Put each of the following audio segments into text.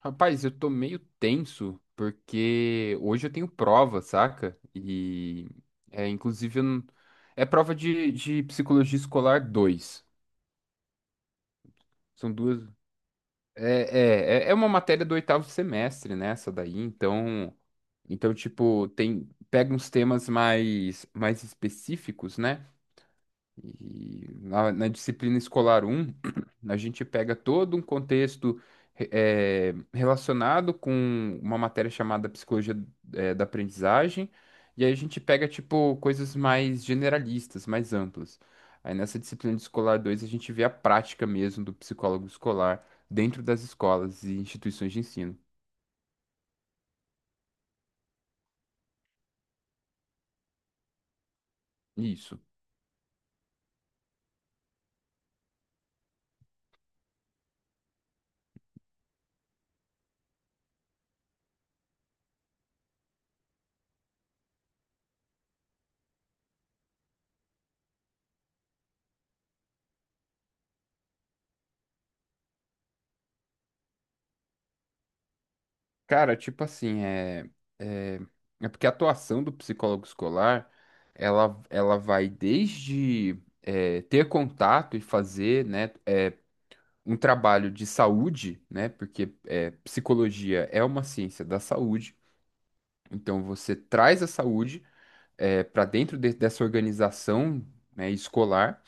Rapaz, eu tô meio tenso porque hoje eu tenho prova, saca? E é inclusive eu não- É prova de psicologia escolar 2. São duas. É uma matéria do oitavo semestre, né? Essa daí, então. Então, tipo, tem, pega uns temas mais específicos, né? E na disciplina escolar um a gente pega todo um contexto relacionado com uma matéria chamada psicologia, da aprendizagem, e aí a gente pega, tipo, coisas mais generalistas, mais amplas. Aí nessa disciplina de escolar 2 a gente vê a prática mesmo do psicólogo escolar dentro das escolas e instituições de ensino. Isso. Cara, tipo assim, é, é porque a atuação do psicólogo escolar, ela vai desde ter contato e fazer, né, um trabalho de saúde, né, porque psicologia é uma ciência da saúde, então você traz a saúde para dentro dessa organização, né, escolar,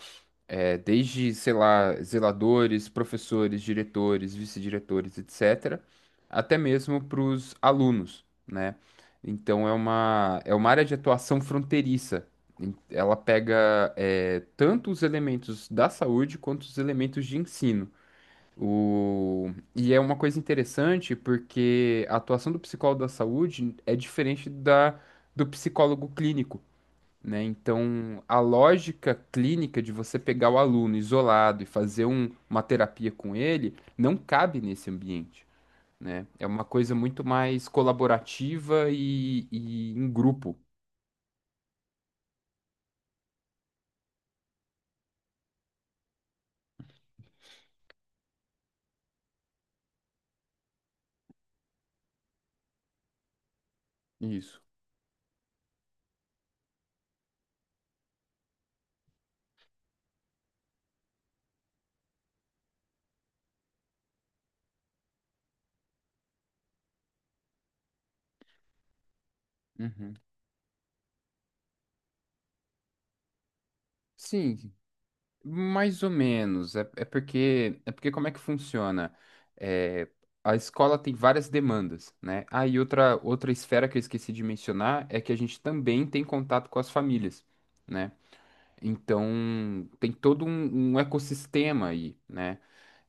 desde, sei lá, zeladores, professores, diretores, vice-diretores, etc., até mesmo para os alunos, né? Então é uma área de atuação fronteiriça. Ela pega tanto os elementos da saúde quanto os elementos de ensino. E é uma coisa interessante porque a atuação do psicólogo da saúde é diferente da do psicólogo clínico, né? Então, a lógica clínica de você pegar o aluno isolado e fazer uma terapia com ele não cabe nesse ambiente, né? É uma coisa muito mais colaborativa e em grupo. Isso. Uhum. Sim, mais ou menos. É porque como é que funciona? É, a escola tem várias demandas, né? Ah, e outra esfera que eu esqueci de mencionar é que a gente também tem contato com as famílias, né? Então, tem todo um ecossistema aí, né?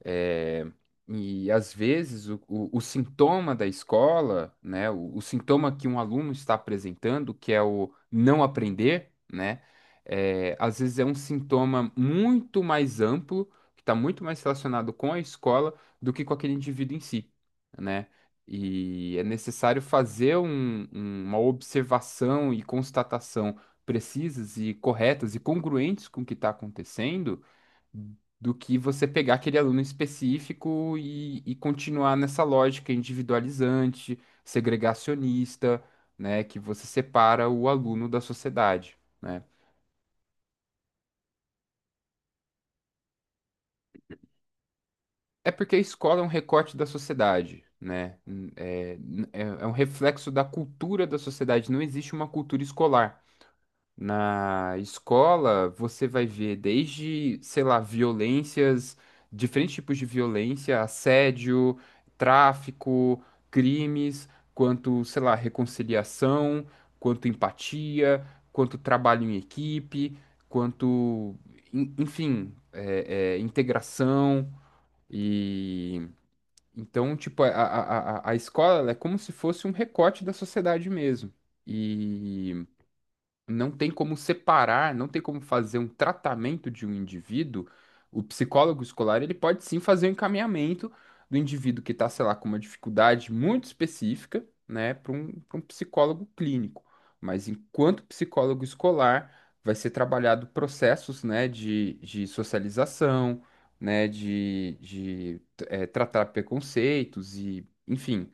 É, e às vezes o sintoma da escola, né, o sintoma que um aluno está apresentando, que é o não aprender, né, às vezes é um sintoma muito mais amplo, que está muito mais relacionado com a escola do que com aquele indivíduo em si, né? E é necessário fazer uma observação e constatação precisas e corretas e congruentes com o que está acontecendo, do que você pegar aquele aluno específico e continuar nessa lógica individualizante, segregacionista, né, que você separa o aluno da sociedade, né? É porque a escola é um recorte da sociedade, né? É, é é um reflexo da cultura da sociedade, não existe uma cultura escolar. Na escola, você vai ver desde, sei lá, violências, diferentes tipos de violência, assédio, tráfico, crimes, quanto, sei lá, reconciliação, quanto empatia, quanto trabalho em equipe, quanto, enfim, integração. E então, tipo, a escola ela é como se fosse um recorte da sociedade mesmo. E não tem como separar, não tem como fazer um tratamento de um indivíduo. O psicólogo escolar ele pode sim fazer o encaminhamento do indivíduo que está, sei lá, com uma dificuldade muito específica, né, para um psicólogo clínico. Mas enquanto psicólogo escolar, vai ser trabalhado processos, né, de socialização, né, tratar preconceitos e, enfim,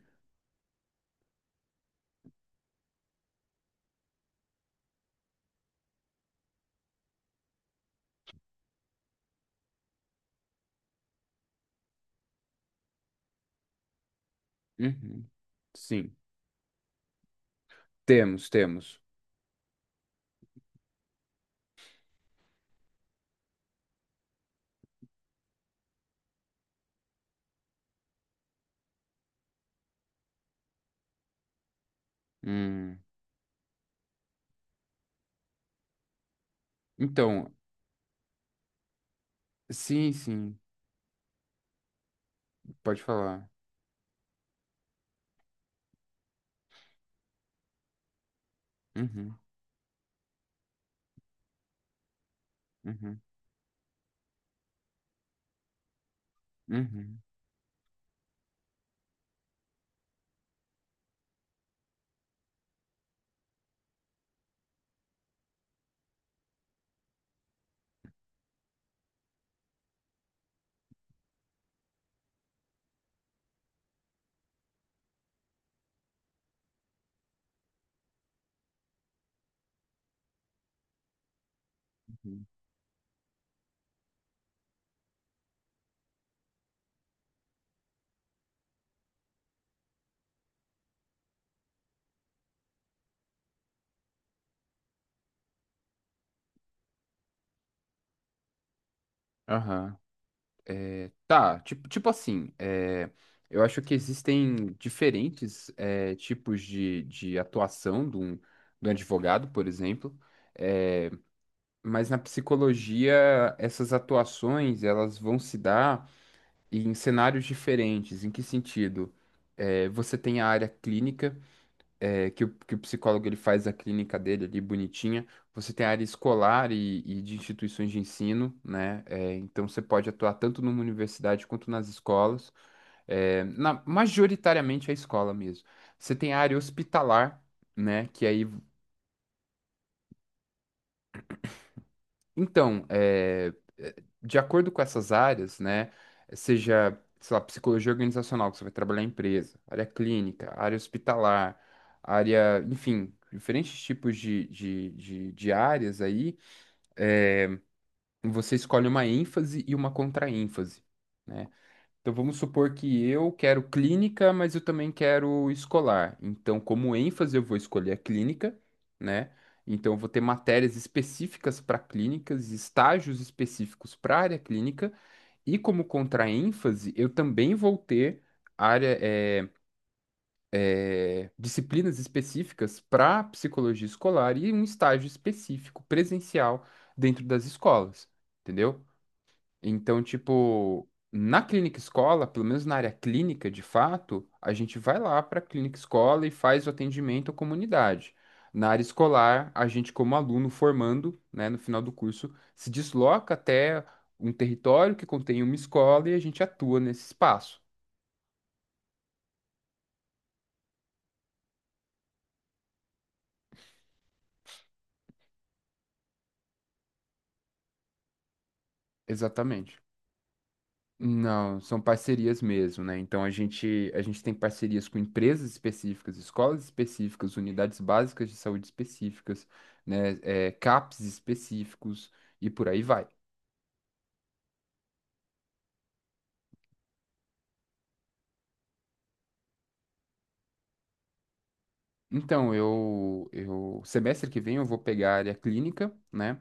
uhum. Sim. Temos, temos. Hum. Então, sim, sim, pode falar. Uhum, uhum, uhum, uhum. Aham. É, tá, tipo, tipo assim, eu acho que existem diferentes tipos de atuação de um advogado, por exemplo, é, mas na psicologia essas atuações elas vão se dar em cenários diferentes. Em que sentido? Você tem a área clínica, que o psicólogo ele faz a clínica dele ali bonitinha. Você tem a área escolar e de instituições de ensino, né? É, então você pode atuar tanto numa universidade quanto nas escolas, majoritariamente é a escola mesmo. Você tem a área hospitalar, né? Que aí então, é, de acordo com essas áreas, né, seja, sei lá, psicologia organizacional, que você vai trabalhar em empresa, área clínica, área hospitalar, área, enfim, diferentes tipos de áreas aí, eh, você escolhe uma ênfase e uma contraênfase, né? Então vamos supor que eu quero clínica, mas eu também quero escolar. Então, como ênfase, eu vou escolher a clínica, né? Então, eu vou ter matérias específicas para clínicas, estágios específicos para a área clínica, e como contraênfase, eu também vou ter área, disciplinas específicas para psicologia escolar e um estágio específico presencial dentro das escolas, entendeu? Então, tipo, na clínica escola, pelo menos na área clínica, de fato, a gente vai lá para a clínica escola e faz o atendimento à comunidade. Na área escolar, a gente, como aluno formando, né, no final do curso, se desloca até um território que contém uma escola e a gente atua nesse espaço. Exatamente. Não, são parcerias mesmo, né? Então a gente tem parcerias com empresas específicas, escolas específicas, unidades básicas de saúde específicas, né? É, CAPs específicos e por aí vai. Então, semestre que vem eu vou pegar a área clínica, né?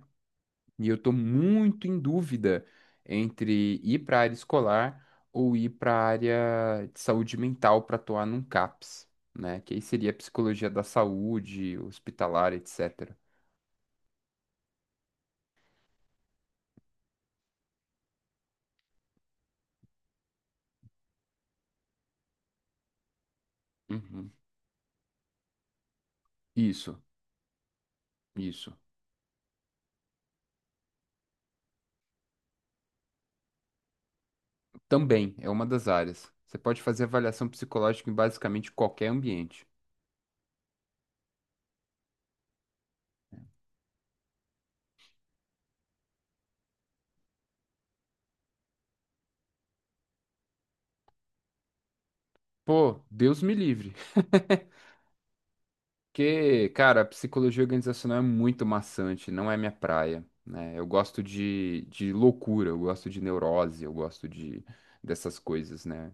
E eu tô muito em dúvida entre ir para a área escolar ou ir para a área de saúde mental para atuar num CAPs, né? Que aí seria psicologia da saúde, hospitalar, etc. Uhum. Isso, isso. Também é uma das áreas. Você pode fazer avaliação psicológica em basicamente qualquer ambiente. Pô, Deus me livre. Porque, cara, a psicologia organizacional é muito maçante, não é minha praia, né? Eu gosto de loucura, eu gosto de neurose, eu gosto de dessas coisas, né?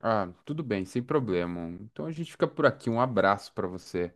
Ah, tudo bem, sem problema. Então a gente fica por aqui. Um abraço pra você.